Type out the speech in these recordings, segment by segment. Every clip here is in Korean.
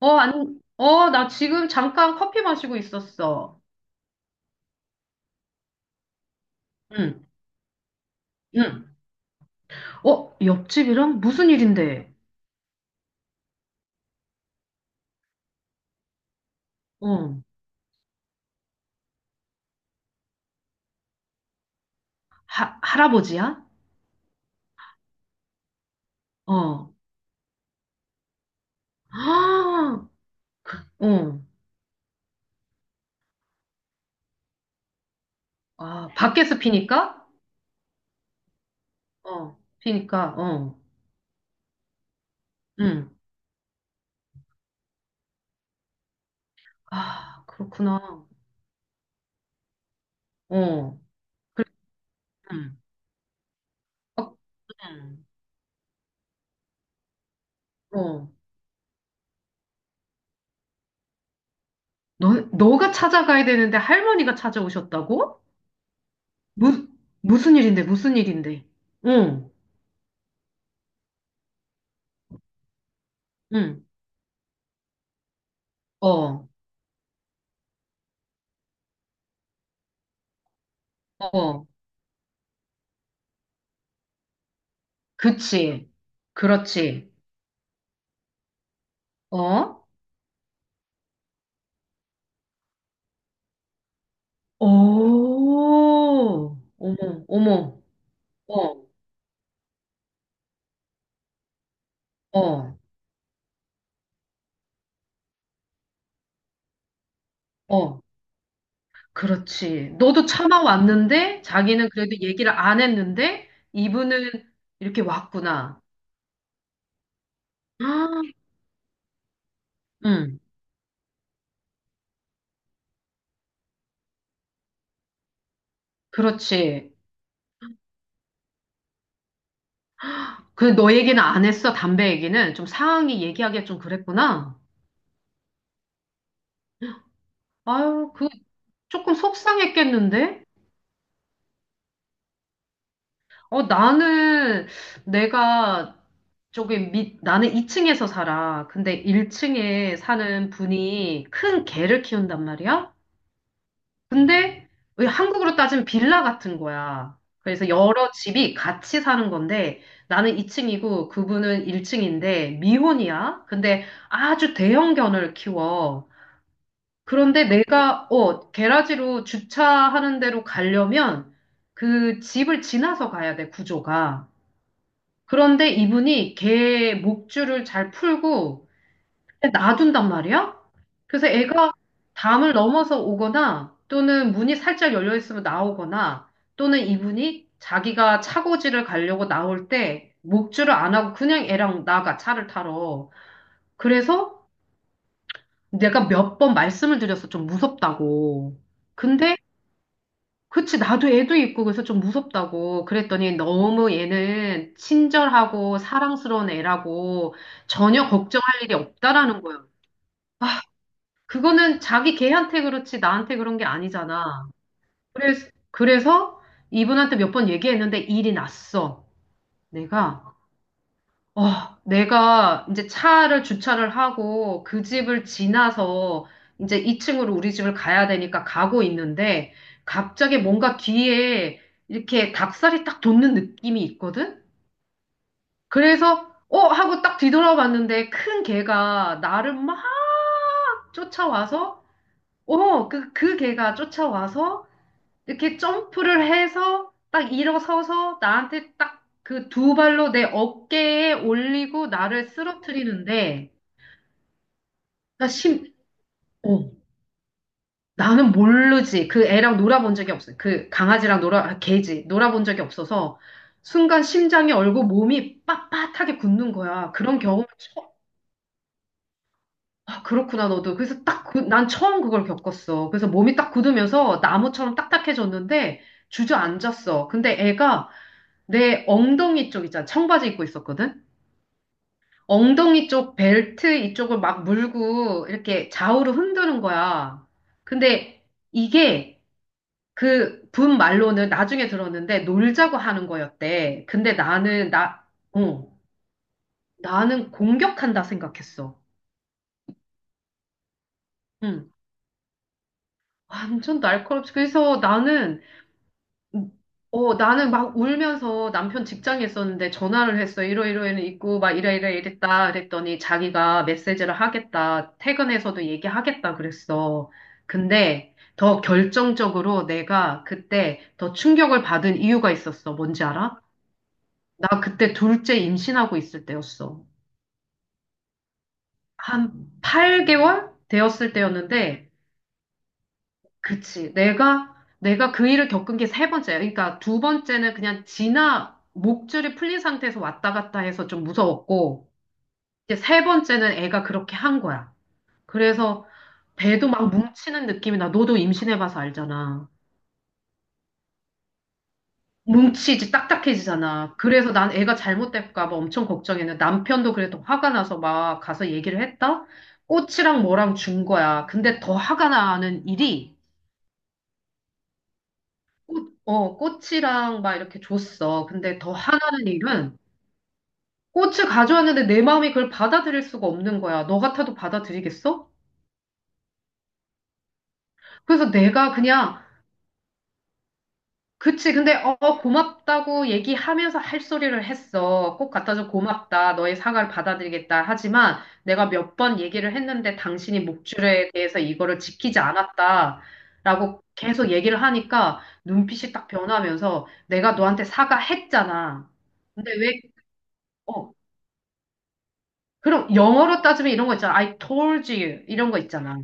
어, 안, 어, 나 지금 잠깐 커피 마시고 있었어. 응, 응. 어, 옆집이랑 무슨 일인데? 어, 할아버지야? 어. 아, 어. 아, 밖에서 피니까? 어, 피니까, 어. 응. 아, 그렇구나. 어. 그래, 응. 어, 응. 어. 너가 찾아가야 되는데 할머니가 찾아오셨다고? 무, 무슨 일인데, 무슨 일인데? 응, 응. 어, 어. 그치. 그렇지. 어? 오, 어머, 어머, 어, 어, 어. 그렇지. 너도 참아왔는데, 자기는 그래도 얘기를 안 했는데, 이분은 이렇게 왔구나. 아, 응, 그렇지. 그 너 얘기는 안 했어, 담배 얘기는. 좀 상황이 얘기하기가 좀 그랬구나. 아유, 그 조금 속상했겠는데? 어, 나는 내가 나는 2층에서 살아. 근데 1층에 사는 분이 큰 개를 키운단 말이야? 근데 왜 한국으로 따지면 빌라 같은 거야. 그래서 여러 집이 같이 사는 건데 나는 2층이고 그분은 1층인데 미혼이야. 근데 아주 대형견을 키워. 그런데 내가 게라지로 주차하는 데로 가려면 그 집을 지나서 가야 돼, 구조가. 그런데 이분이 개 목줄을 잘 풀고 놔둔단 말이야? 그래서 애가 담을 넘어서 오거나 또는 문이 살짝 열려 있으면 나오거나 또는 이분이 자기가 차고지를 가려고 나올 때 목줄을 안 하고 그냥 애랑 나가 차를 타러. 그래서 내가 몇 번 말씀을 드려서 좀 무섭다고. 근데 그치, 나도 애도 있고 그래서 좀 무섭다고 그랬더니 너무 얘는 친절하고 사랑스러운 애라고 전혀 걱정할 일이 없다라는 거야. 그거는 자기 걔한테 그렇지 나한테 그런 게 아니잖아. 그래서, 이분한테 몇 번 얘기했는데 일이 났어. 내가, 내가 이제 차를 주차를 하고 그 집을 지나서 이제 2층으로 우리 집을 가야 되니까 가고 있는데 갑자기 뭔가 뒤에 이렇게 닭살이 딱 돋는 느낌이 있거든? 그래서, 어? 하고 딱 뒤돌아봤는데 큰 개가 나를 막 쫓아와서 오, 그 개가 쫓아와서 이렇게 점프를 해서 딱 일어서서 나한테 딱 그 두 발로 내 어깨에 올리고 나를 쓰러뜨리는데 나 심, 어, 나는 모르지. 그 애랑 놀아본 적이 없어요. 그 강아지랑 놀아, 아, 개지. 놀아본 적이 없어서 순간 심장이 얼고 몸이 빳빳하게 굳는 거야. 그런 경험을, 처- 아, 그렇구나, 너도. 그래서 딱, 난 처음 그걸 겪었어. 그래서 몸이 딱 굳으면서 나무처럼 딱딱해졌는데 주저앉았어. 근데 애가 내 엉덩이 쪽 있잖아. 청바지 입고 있었거든? 엉덩이 쪽 벨트 이쪽을 막 물고 이렇게 좌우로 흔드는 거야. 근데 이게 그 분 말로는 나중에 들었는데 놀자고 하는 거였대. 근데 어, 나는 공격한다 생각했어. 응. 완전 날카롭지. 그래서 나는 막 울면서 남편 직장에 있었는데 전화를 했어. 이러이러해는 있고, 막 이래이래 이랬다. 그랬더니 자기가 메시지를 하겠다. 퇴근해서도 얘기하겠다. 그랬어. 근데 더 결정적으로 내가 그때 더 충격을 받은 이유가 있었어. 뭔지 알아? 나 그때 둘째 임신하고 있을 때였어. 한 8개월 되었을 때였는데, 그치. 내가 그 일을 겪은 게 세 번째야. 그러니까 두 번째는 그냥 지나 목줄이 풀린 상태에서 왔다 갔다 해서 좀 무서웠고, 이제 세 번째는 애가 그렇게 한 거야. 그래서 배도 막 뭉치는 느낌이 나. 너도 임신해봐서 알잖아. 뭉치지, 딱딱해지잖아. 그래서 난 애가 잘못될까 봐 엄청 걱정했는데 남편도 그래도 화가 나서 막 가서 얘기를 했다? 꽃이랑 뭐랑 준 거야. 근데 더 화가 나는 일이 꽃이랑 막 이렇게 줬어. 근데 더 화나는 일은 꽃을 가져왔는데 내 마음이 그걸 받아들일 수가 없는 거야. 너 같아도 받아들이겠어? 그래서 내가 그냥, 그치. 근데, 고맙다고 얘기하면서 할 소리를 했어. 꽃 갖다 줘 고맙다. 너의 사과를 받아들이겠다. 하지만 내가 몇 번 얘기를 했는데 당신이 목줄에 대해서 이거를 지키지 않았다. 라고 계속 얘기를 하니까 눈빛이 딱 변하면서 내가 너한테 사과했잖아. 근데 왜, 어, 그럼 영어로 따지면 이런 거 있잖아. I told you. 이런 거 있잖아.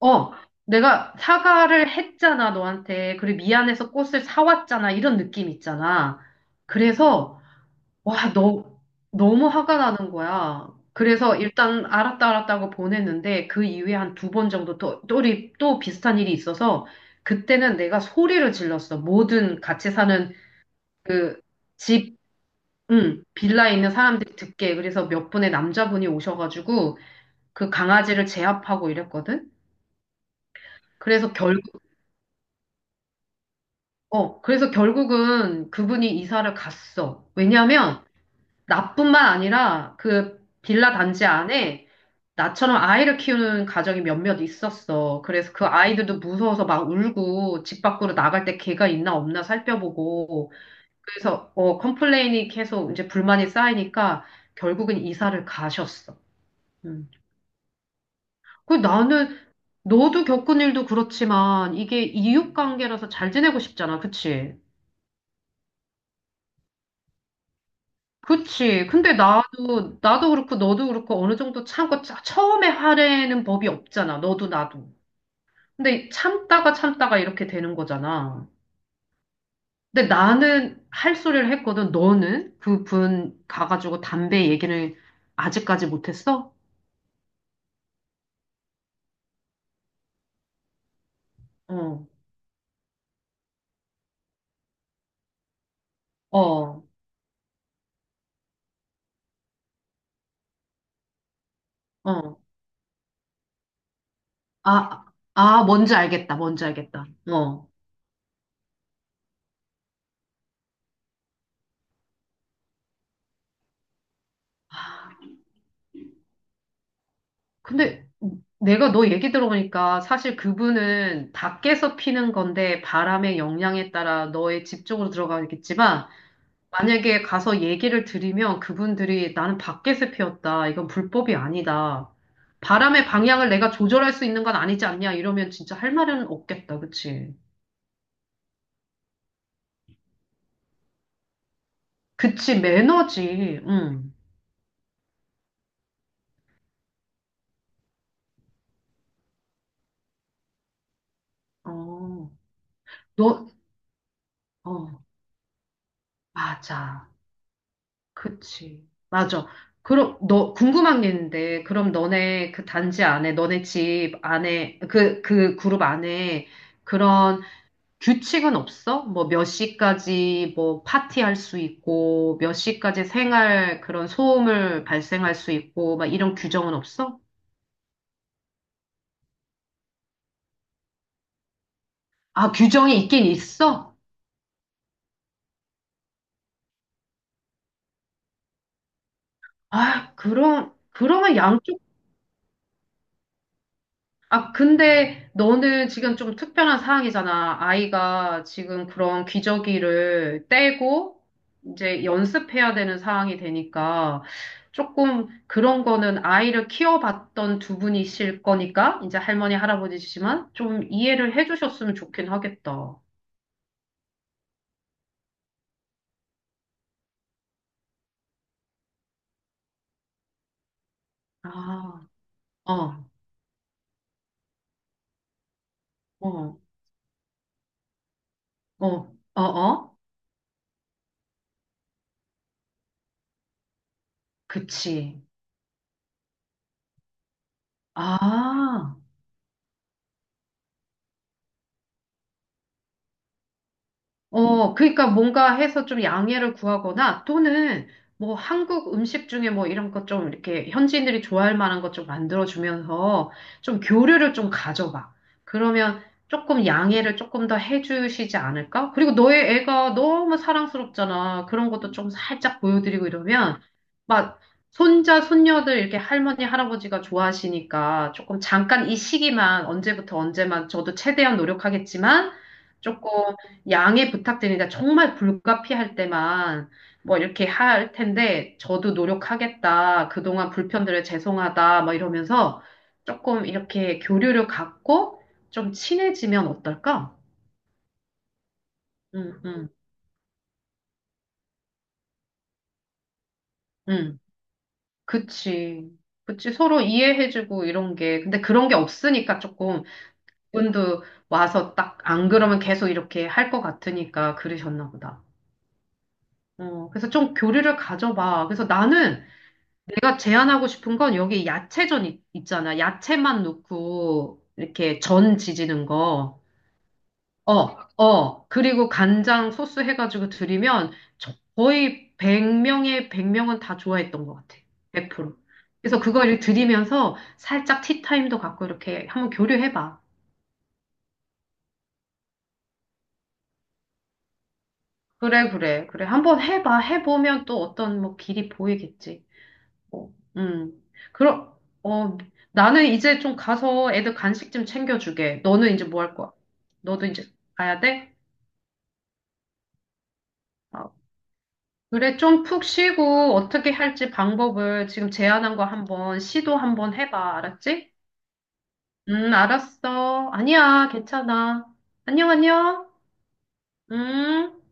어, 내가 사과를 했잖아, 너한테. 그리고 미안해서 꽃을 사왔잖아. 이런 느낌 있잖아. 그래서, 와, 너무 화가 나는 거야. 그래서 일단 알았다, 알았다고 보냈는데, 그 이후에 한 두 번 정도 우리 또 비슷한 일이 있어서, 그때는 내가 소리를 질렀어. 모든 같이 사는 그 집, 응, 빌라에 있는 사람들이 듣게. 그래서 몇 분의 남자분이 오셔가지고, 그 강아지를 제압하고 이랬거든. 그래서 결국, 그래서 결국은 그분이 이사를 갔어. 왜냐면 나뿐만 아니라 그 빌라 단지 안에 나처럼 아이를 키우는 가정이 몇몇 있었어. 그래서 그 아이들도 무서워서 막 울고 집 밖으로 나갈 때 개가 있나 없나 살펴보고 그래서 컴플레인이 계속 이제 불만이 쌓이니까 결국은 이사를 가셨어. 음. 그 나는 너도 겪은 일도 그렇지만 이게 이웃 관계라서 잘 지내고 싶잖아. 그치? 그치. 근데 나도 그렇고 너도 그렇고 어느 정도 참고 처음에 화내는 법이 없잖아. 너도 나도. 근데 참다가 참다가 이렇게 되는 거잖아. 근데 나는 할 소리를 했거든. 너는? 그분 가가지고 담배 얘기를 아직까지 못했어? 어, 어, 어. 아, 아, 뭔지 알겠다. 뭔지 알겠다. 어. 아. 근데 내가 너 얘기 들어보니까 사실 그분은 밖에서 피는 건데 바람의 영향에 따라 너의 집 쪽으로 들어가겠지만 만약에 가서 얘기를 드리면 그분들이 나는 밖에서 피웠다. 이건 불법이 아니다. 바람의 방향을 내가 조절할 수 있는 건 아니지 않냐 이러면 진짜 할 말은 없겠다. 그치? 그치, 매너지. 응. 어, 너, 어, 맞아. 그치. 맞아. 그럼, 너, 궁금한 게 있는데, 그럼 너네 그 단지 안에, 너네 집 안에, 그 그룹 안에 그런 규칙은 없어? 뭐 몇 시까지 뭐 파티할 수 있고, 몇 시까지 생활 그런 소음을 발생할 수 있고, 막 이런 규정은 없어? 아, 규정이 있긴 있어? 아, 그럼, 그러면 양쪽. 아, 근데 너는 지금 좀 특별한 상황이잖아. 아이가 지금 그런 기저귀를 떼고 이제 연습해야 되는 상황이 되니까 조금 그런 거는 아이를 키워봤던 두 분이실 거니까 이제 할머니, 할아버지시지만 좀 이해를 해주셨으면 좋긴 하겠다. 아, 어, 어, 어, 어, 어, 그치. 아. 어, 그러니까 뭔가 해서 좀 양해를 구하거나 또는 뭐 한국 음식 중에 뭐 이런 것 좀 이렇게 현지인들이 좋아할 만한 것 좀 만들어주면서 좀 교류를 좀 가져봐. 그러면 조금 양해를 조금 더 해주시지 않을까? 그리고 너의 애가 너무 사랑스럽잖아. 그런 것도 좀 살짝 보여드리고 이러면 막 손자, 손녀들 이렇게 할머니, 할아버지가 좋아하시니까 조금 잠깐 이 시기만 언제부터 언제만 저도 최대한 노력하겠지만 조금 양해 부탁드립니다. 정말 불가피할 때만 뭐 이렇게 할 텐데 저도 노력하겠다. 그동안 불편드려 죄송하다. 뭐 이러면서 조금 이렇게 교류를 갖고 좀 친해지면 어떨까? 응, 응, 응. 그치. 그치. 서로 이해해주고 이런 게. 근데 그런 게 없으니까 조금 분도 와서 딱 안 그러면 계속 이렇게 할 것 같으니까 그러셨나 보다. 어, 그래서 좀 교류를 가져봐. 그래서 나는 내가 제안하고 싶은 건 여기 야채전 있잖아. 야채만 넣고 이렇게 전 지지는 거. 어, 어. 그리고 간장 소스 해가지고 드리면 거의 1 0 0명의 100명은 다 좋아했던 것 같아. 100%. 그래서 그거를 드리면서 살짝 티타임도 갖고 이렇게 한번 교류해봐. 그래, 그래, 그래. 한번 해봐. 해보면 또 어떤 뭐 길이 보이겠지. 음. 그럼, 어, 나는 이제 좀 가서 애들 간식 좀 챙겨주게. 너는 이제 뭐 할 거야? 너도 이제 가야 돼? 어, 그래, 좀 푹 쉬고 어떻게 할지 방법을 지금 제안한 거 한번 시도 한번 해봐. 알았지? 알았어. 아니야, 괜찮아. 안녕, 안녕. 음.